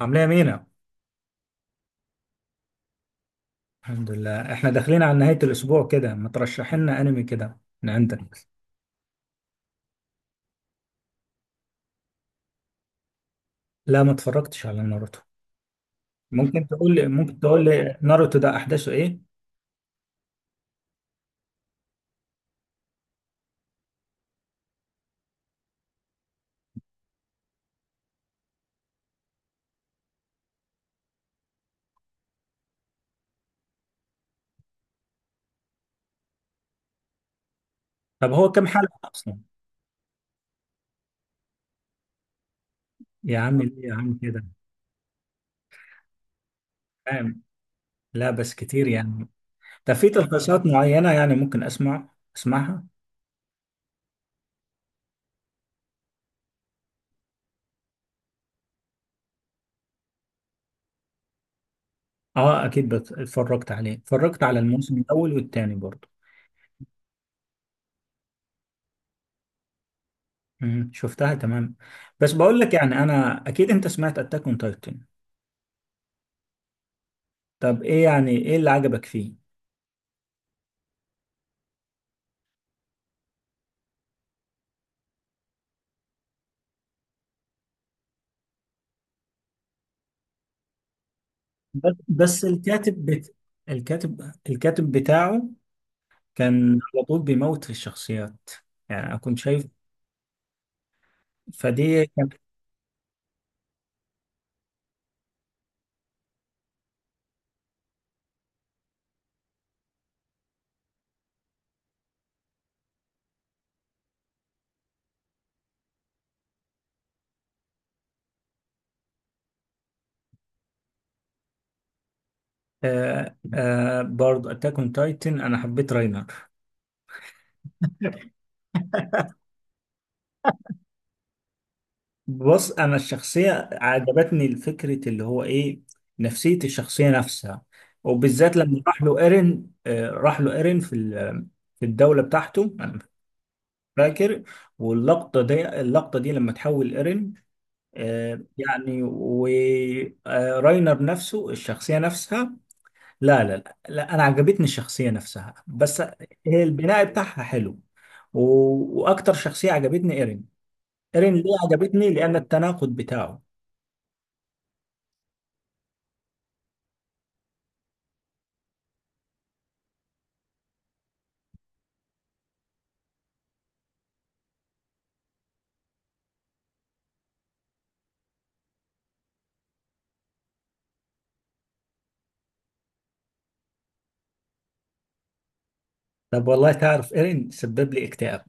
عاملة يا مينا. الحمد لله، احنا داخلين على نهاية الأسبوع كده. ما ترشح لنا أنمي كده من عندك؟ لا، ما اتفرجتش على ناروتو. ممكن تقول لي ناروتو ده أحداثه إيه؟ طب هو كام حلقة أصلا؟ يا عم، ليه يا عم كده؟ فاهم. لا بس كتير يعني. طب في تلخيصات معينة يعني ممكن أسمع؟ أسمعها؟ أه أكيد اتفرجت عليه، اتفرجت على الموسم الأول والتاني برضه. شفتها تمام. بس بقول لك يعني، أنا أكيد أنت سمعت أتاك أون تايتن. طب إيه يعني، إيه اللي عجبك فيه؟ بس بس الكاتب بت... الكاتب بتاعه كان على طول بيموت في الشخصيات. يعني أنا كنت شايف فدي كانت. برضه أتاك أون تايتن أنا حبيت راينر. بص، أنا الشخصية عجبتني، الفكرة اللي هو إيه، نفسية الشخصية نفسها. وبالذات لما راح له إيرين، راح له إيرين في الدولة بتاعته، أنا فاكر. واللقطة دي، اللقطة دي لما تحول إيرين، يعني وراينر نفسه، الشخصية نفسها. لا، أنا عجبتني الشخصية نفسها بس. هي البناء بتاعها حلو. و- وأكتر شخصية عجبتني إيرين. إيرين ليه عجبتني؟ لأن التناقض بتاعه. طب والله تعرف، إيرين سبب لي اكتئاب.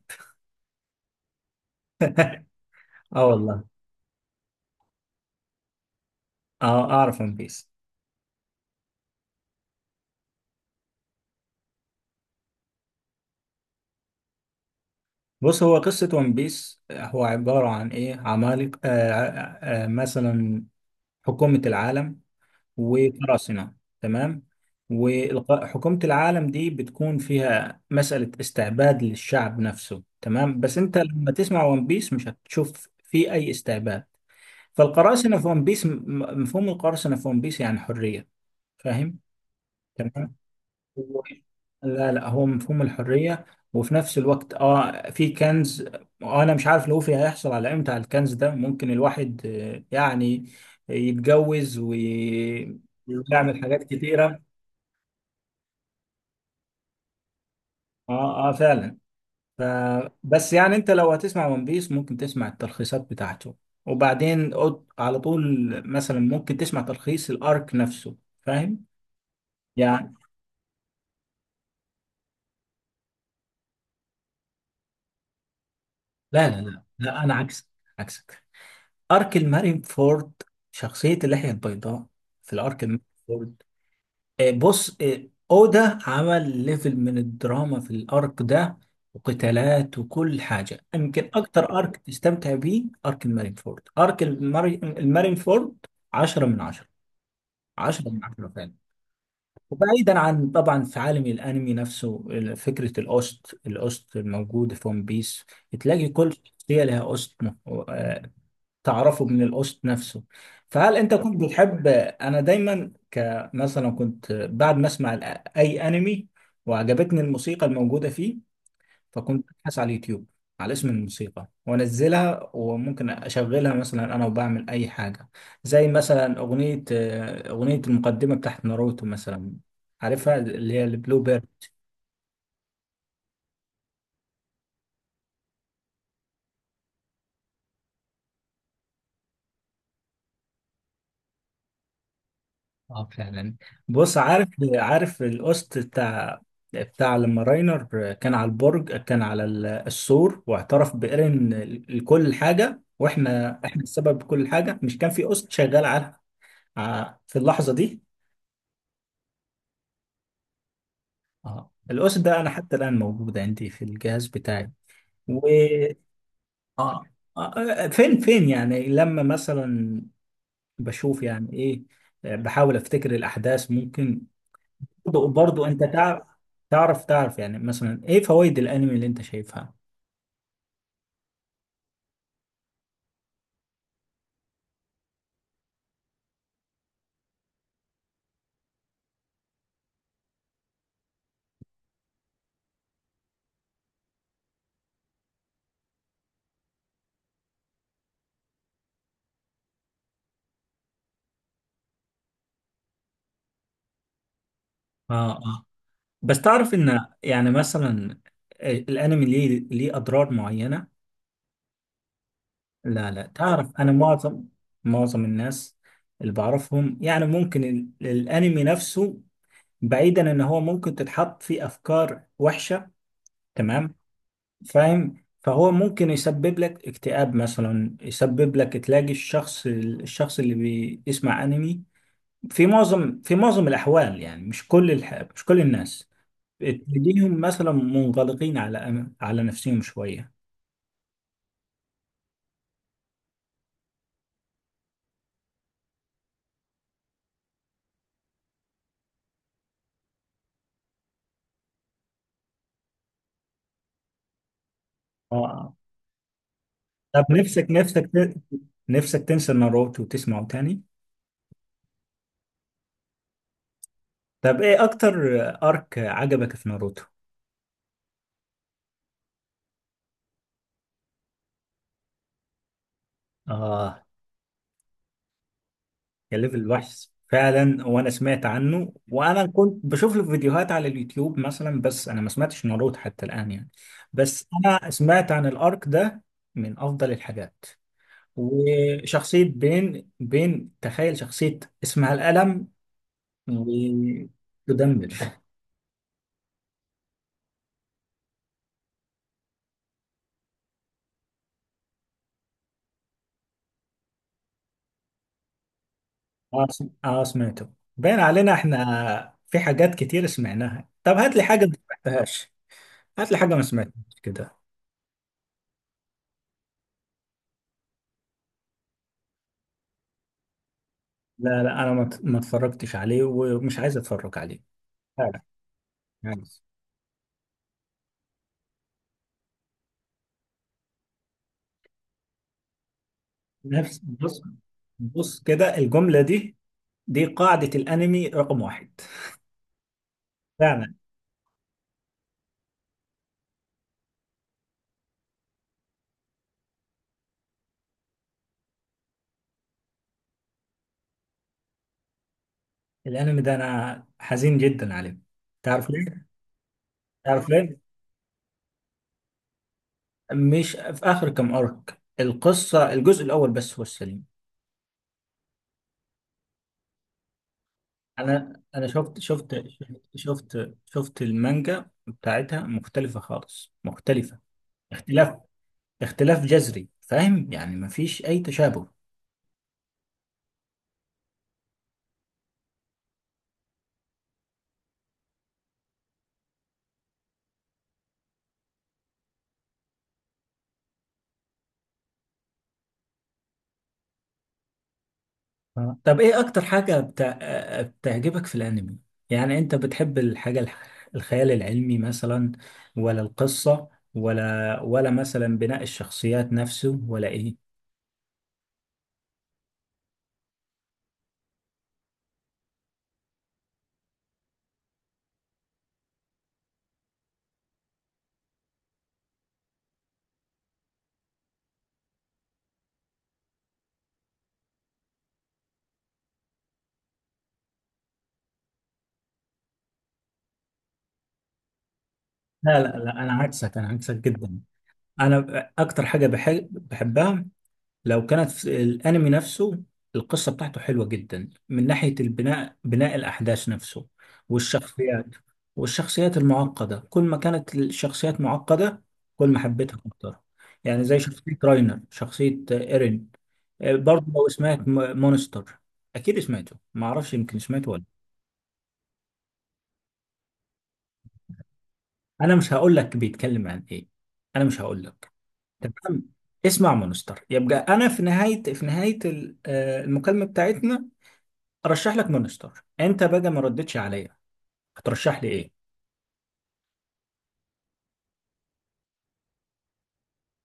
آه والله. آه أعرف ون بيس. بص، هو قصة ون بيس هو عبارة عن إيه، عمالقة، مثلا حكومة العالم وقراصنة، تمام. وحكومة العالم دي بتكون فيها مسألة استعباد للشعب نفسه، تمام. بس انت لما تسمع ون بيس مش هتشوف في اي استعباد. فالقراصنة في ون بيس، مفهوم القراصنة في ون بيس يعني حرية. فاهم. تمام. هو- لا لا، هو مفهوم الحرية. وفي نفس الوقت اه في كنز. انا مش عارف لوفي هيحصل على امتى على الكنز ده، ممكن الواحد يعني يتجوز ويعمل حاجات كتيرة. اه اه فعلا. ف... بس يعني انت لو هتسمع ون بيس ممكن تسمع التلخيصات بتاعته، وبعدين على طول مثلا ممكن تسمع تلخيص الارك نفسه. فاهم يعني. لا انا عكسك، عكسك. ارك المارين فورد، شخصية اللحية البيضاء في الارك المارين فورد. آه، بص آه، اودا عمل ليفل من الدراما في الارك ده، وقتالات وكل حاجه. يمكن اكتر ارك تستمتع بيه ارك المارينفورد، المارينفورد. 10 من 10. 10 من 10 فعلا. وبعيدا عن طبعا في عالم الانمي نفسه، فكره الاوست، الاوست الموجوده في ون بيس، تلاقي كل شخصيه لها اوست، تعرفه من القسط نفسه. فهل انت كنت بتحب، انا دايما كمثلا كنت بعد ما اسمع اي انمي وعجبتني الموسيقى الموجوده فيه، فكنت ابحث على اليوتيوب على اسم الموسيقى وانزلها، وممكن اشغلها مثلا انا وبعمل اي حاجه. زي مثلا اغنيه، اغنيه المقدمه بتاعت ناروتو مثلا، عارفها، اللي هي البلو بيرد. اه فعلا. بص، عارف القسط بتاع لما راينر كان على البرج، كان على السور، واعترف بإيرين لكل حاجة، واحنا، احنا السبب بكل حاجة. مش كان في قسط شغال على في اللحظة دي. اه، القسط ده انا حتى الآن موجود عندي في الجهاز بتاعي. و اه، فين يعني لما مثلا بشوف يعني ايه، بحاول افتكر الاحداث ممكن. برضو، برضو انت تعرف، تعرف يعني مثلا ايه فوائد الانمي اللي انت شايفها. اه اه. بس تعرف ان يعني مثلا الانمي ليه، ليه اضرار معينة. لا لا تعرف، انا معظم، معظم الناس اللي بعرفهم يعني ممكن الانمي نفسه، بعيدا ان هو ممكن تتحط فيه افكار وحشة، تمام، فاهم، فهو ممكن يسبب لك اكتئاب مثلا، يسبب لك تلاقي الشخص، الشخص اللي بيسمع انمي في معظم الأحوال يعني، مش كل مش كل الناس تلاقيهم مثلا منغلقين على على نفسهم شوية. اه. طب نفسك، نفسك تنسى ناروتو وتسمعه تاني. طب ايه أكتر أرك عجبك في ناروتو؟ اه، يا ليفل الوحش فعلا. وانا سمعت عنه وانا كنت بشوف له فيديوهات على اليوتيوب مثلا، بس انا ما سمعتش ناروتو حتى الان يعني، بس انا سمعت عن الارك ده من افضل الحاجات. وشخصية بين، بين تخيل شخصية اسمها القلم وتدمر. سمعته. باين علينا احنا في حاجات كتير سمعناها. طب هات لي حاجة ما سمعتهاش، هات لي حاجة ما سمعتهاش كده. لا لا، انا ما اتفرجتش عليه ومش عايز اتفرج عليه. لا لا عايز. نفس بص كده، الجملة دي دي قاعدة الانمي رقم واحد. فعلا. الانمي ده انا حزين جدا عليه. تعرف ليه؟ تعرف ليه؟ مش في اخر كام ارك، القصه الجزء الاول بس هو السليم. انا شفت المانجا بتاعتها مختلفه خالص، مختلفه. اختلاف، اختلاف جذري، فاهم يعني، مفيش اي تشابه. آه. طب ايه اكتر حاجه بتا... آه، بتعجبك في الانمي؟ يعني انت بتحب الحاجه الخيال العلمي مثلا، ولا القصه، ولا مثلا بناء الشخصيات نفسه، ولا ايه؟ لا انا عكسك، انا عكسك جدا. انا اكتر حاجه بحب، بحبها لو كانت في الانمي نفسه القصه بتاعته حلوه جدا، من ناحيه البناء، بناء الاحداث نفسه، والشخصيات، والشخصيات المعقده. كل ما كانت الشخصيات معقده كل ما حبيتها اكتر. يعني زي شخصيه راينر، شخصيه ايرين. برضه لو سمعت مونستر. اكيد سمعته، ما اعرفش، يمكن سمعته ولا. انا مش هقول لك بيتكلم عن ايه، انا مش هقول لك، تمام. اسمع مونستر يبقى. انا في نهايه، المكالمه بتاعتنا ارشح لك مونستر. انت بقى ما ردتش عليا، هترشح لي ايه؟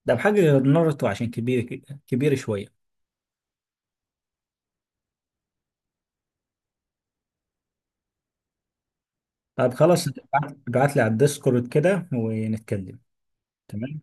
ده بحاجه غير. ناruto عشان كبير كبير شويه. طب خلاص، ابعت لي على الديسكورد كده ونتكلم. تمام.